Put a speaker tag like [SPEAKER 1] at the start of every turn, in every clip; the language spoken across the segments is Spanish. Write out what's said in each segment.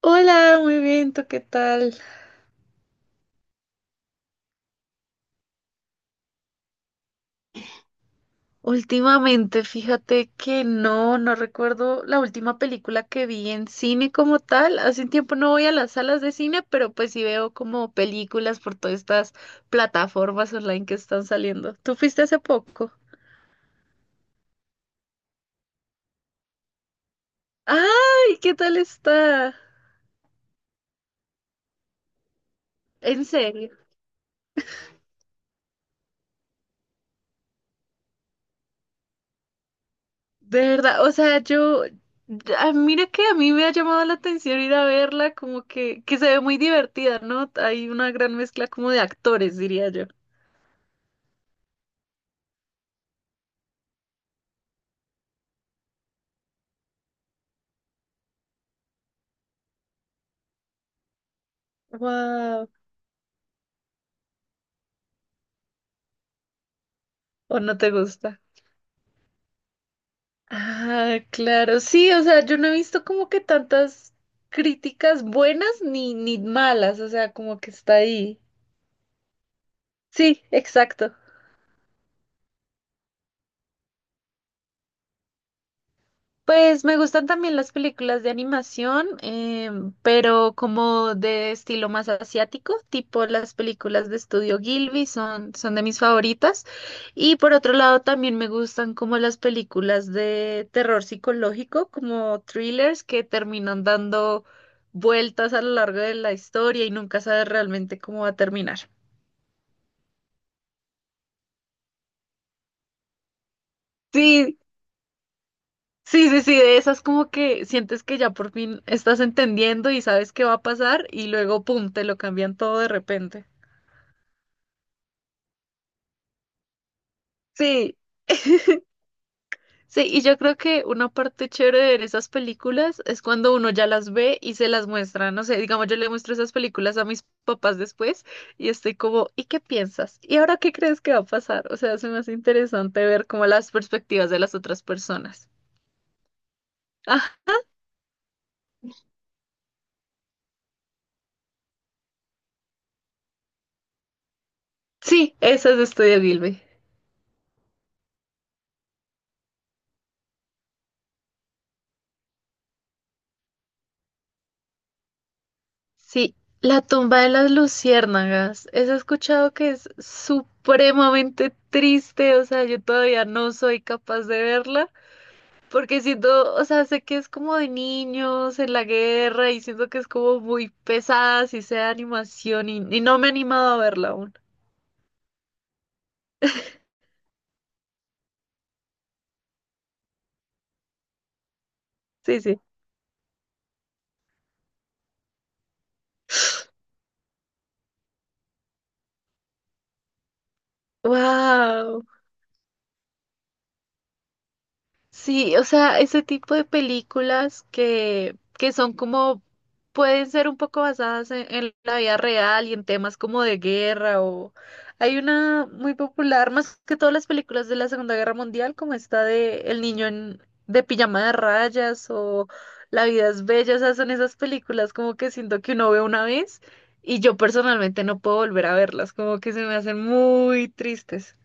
[SPEAKER 1] Hola, muy bien, ¿tú qué tal? Últimamente, fíjate que no recuerdo la última película que vi en cine como tal. Hace un tiempo no voy a las salas de cine, pero pues sí veo como películas por todas estas plataformas online que están saliendo. ¿Tú fuiste hace poco? ¡Ay! ¿Qué tal está? En serio. De verdad, o sea, yo, ah, mira que a mí me ha llamado la atención ir a verla, como que se ve muy divertida, ¿no? Hay una gran mezcla como de actores, diría yo. Wow, o no te gusta. Ah, claro, sí, o sea, yo no he visto como que tantas críticas buenas ni malas, o sea, como que está ahí. Sí, exacto. Pues me gustan también las películas de animación, pero como de estilo más asiático, tipo las películas de Estudio Ghibli son de mis favoritas. Y por otro lado también me gustan como las películas de terror psicológico, como thrillers que terminan dando vueltas a lo largo de la historia y nunca sabes realmente cómo va a terminar. Sí, sí, sí, sí, de esas como que sientes que ya por fin estás entendiendo y sabes qué va a pasar y luego, ¡pum!, te lo cambian todo de repente. Sí, sí, y yo creo que una parte chévere de ver esas películas es cuando uno ya las ve y se las muestra, no sé, digamos, yo le muestro esas películas a mis papás después y estoy como, ¿y qué piensas? ¿Y ahora qué crees que va a pasar? O sea, se me hace interesante ver como las perspectivas de las otras personas. Ah, sí, esas es de Estudio Gilby. Sí, la tumba de las luciérnagas. Eso he escuchado que es supremamente triste, o sea, yo todavía no soy capaz de verla, porque siento, o sea, sé que es como de niños en la guerra y siento que es como muy pesada, si sea de animación, y no me he animado a verla aún. Sí, sí. ¡Wow! Sí, o sea, ese tipo de películas que son como, pueden ser un poco basadas en la vida real y en temas como de guerra o... Hay una muy popular, más que todas las películas de la Segunda Guerra Mundial, como esta de El niño en- de pijama de rayas o La vida es bella, o sea, son esas películas como que siento que uno ve una vez y yo personalmente no puedo volver a verlas, como que se me hacen muy tristes.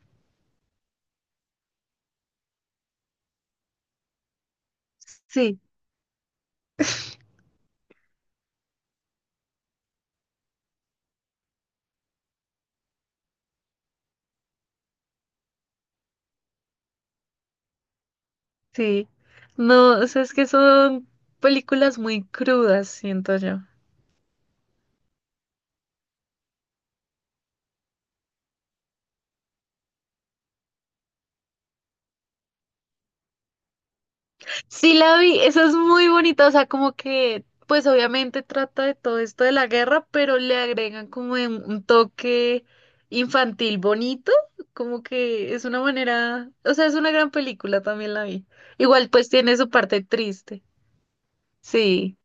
[SPEAKER 1] Sí, no, o sea, es que son películas muy crudas, siento yo. Sí, la vi, esa es muy bonita, o sea, como que, pues obviamente trata de todo esto de la guerra, pero le agregan como de un toque infantil bonito, como que es una manera, o sea, es una gran película, también la vi. Igual pues tiene su parte triste, sí.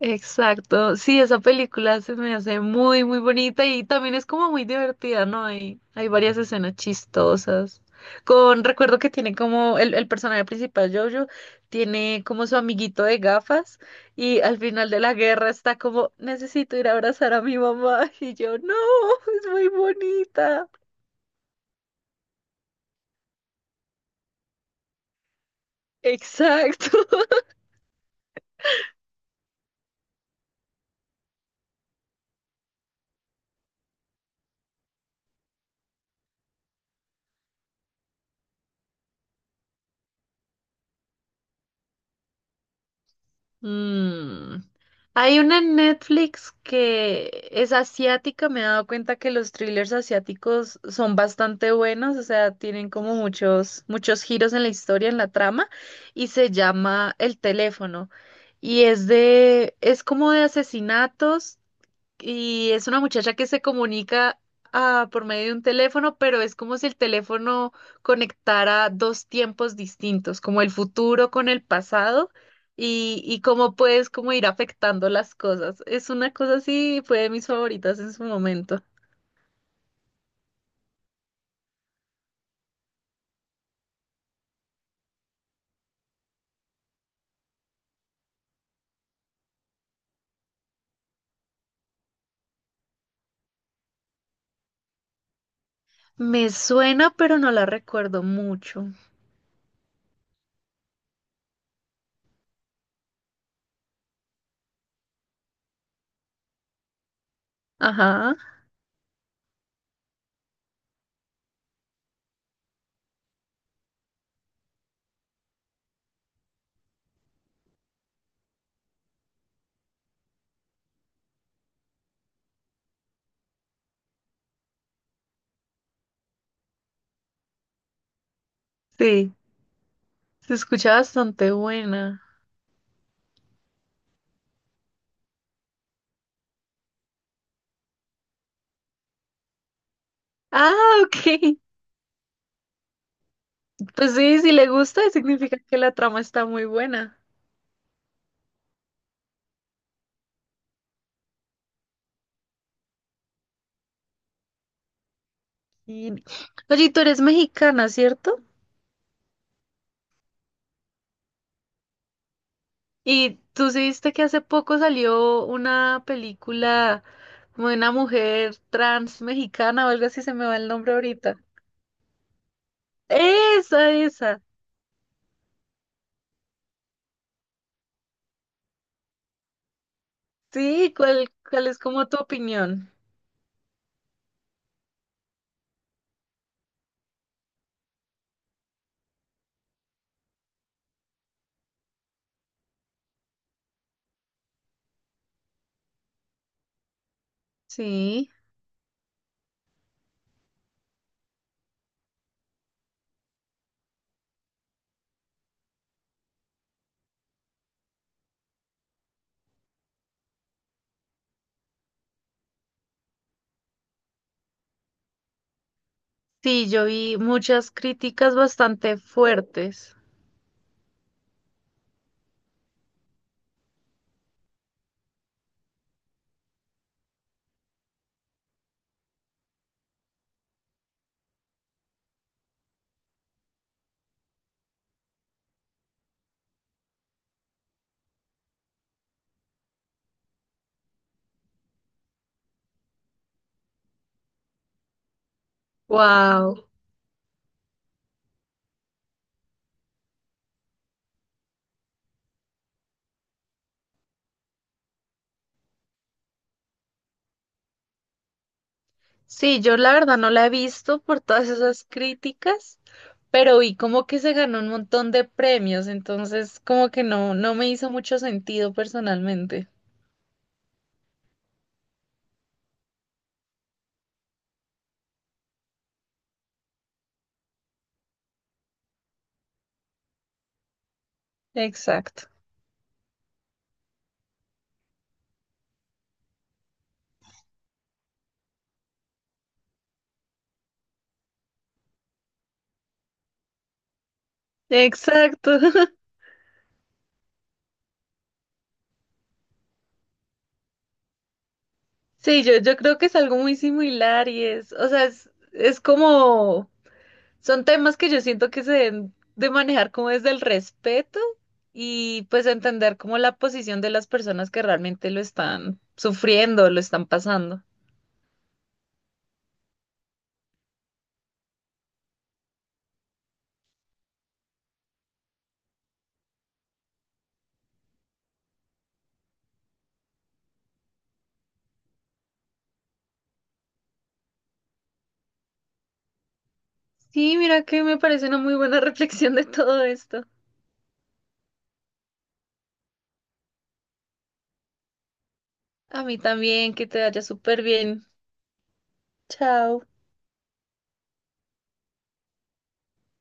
[SPEAKER 1] Exacto, sí, esa película se me hace muy, muy bonita y también es como muy divertida, ¿no? Hay varias escenas chistosas. Con, recuerdo que tiene como el personaje principal, Jojo, tiene como su amiguito de gafas y al final de la guerra está como, necesito ir a abrazar a mi mamá y yo, no, es muy bonita. Exacto. Mm. Hay una en Netflix que es asiática. Me he dado cuenta que los thrillers asiáticos son bastante buenos, o sea, tienen como muchos giros en la historia, en la trama, y se llama El teléfono. Y es de, es como de asesinatos y es una muchacha que se comunica por medio de un teléfono, pero es como si el teléfono conectara dos tiempos distintos, como el futuro con el pasado y cómo puedes como ir afectando las cosas. Es una cosa así, fue de mis favoritas en su momento. Me suena, pero no la recuerdo mucho. Ajá, sí, se escucha bastante buena. Ah, ok. Pues sí, si le gusta, significa que la trama está muy buena. Y... Oye, tú eres mexicana, ¿cierto? Y tú sí viste que hace poco salió una película como de una mujer trans mexicana o algo así, se me va el nombre ahorita. Esa, esa. Sí, ¿cuál, cuál es como tu opinión? Sí, sí, yo vi muchas críticas bastante fuertes. Wow. Sí, yo la verdad no la he visto por todas esas críticas, pero vi como que se ganó un montón de premios, entonces como que no, no me hizo mucho sentido personalmente. Exacto. Exacto. Sí, yo creo que es algo muy similar y es, o sea, es como, son temas que yo siento que se deben de manejar como desde el respeto y pues entender como la posición de las personas que realmente lo están sufriendo, lo están pasando. Sí, mira que me parece una muy buena reflexión de todo esto. A mí también, que te vaya súper bien. Chao.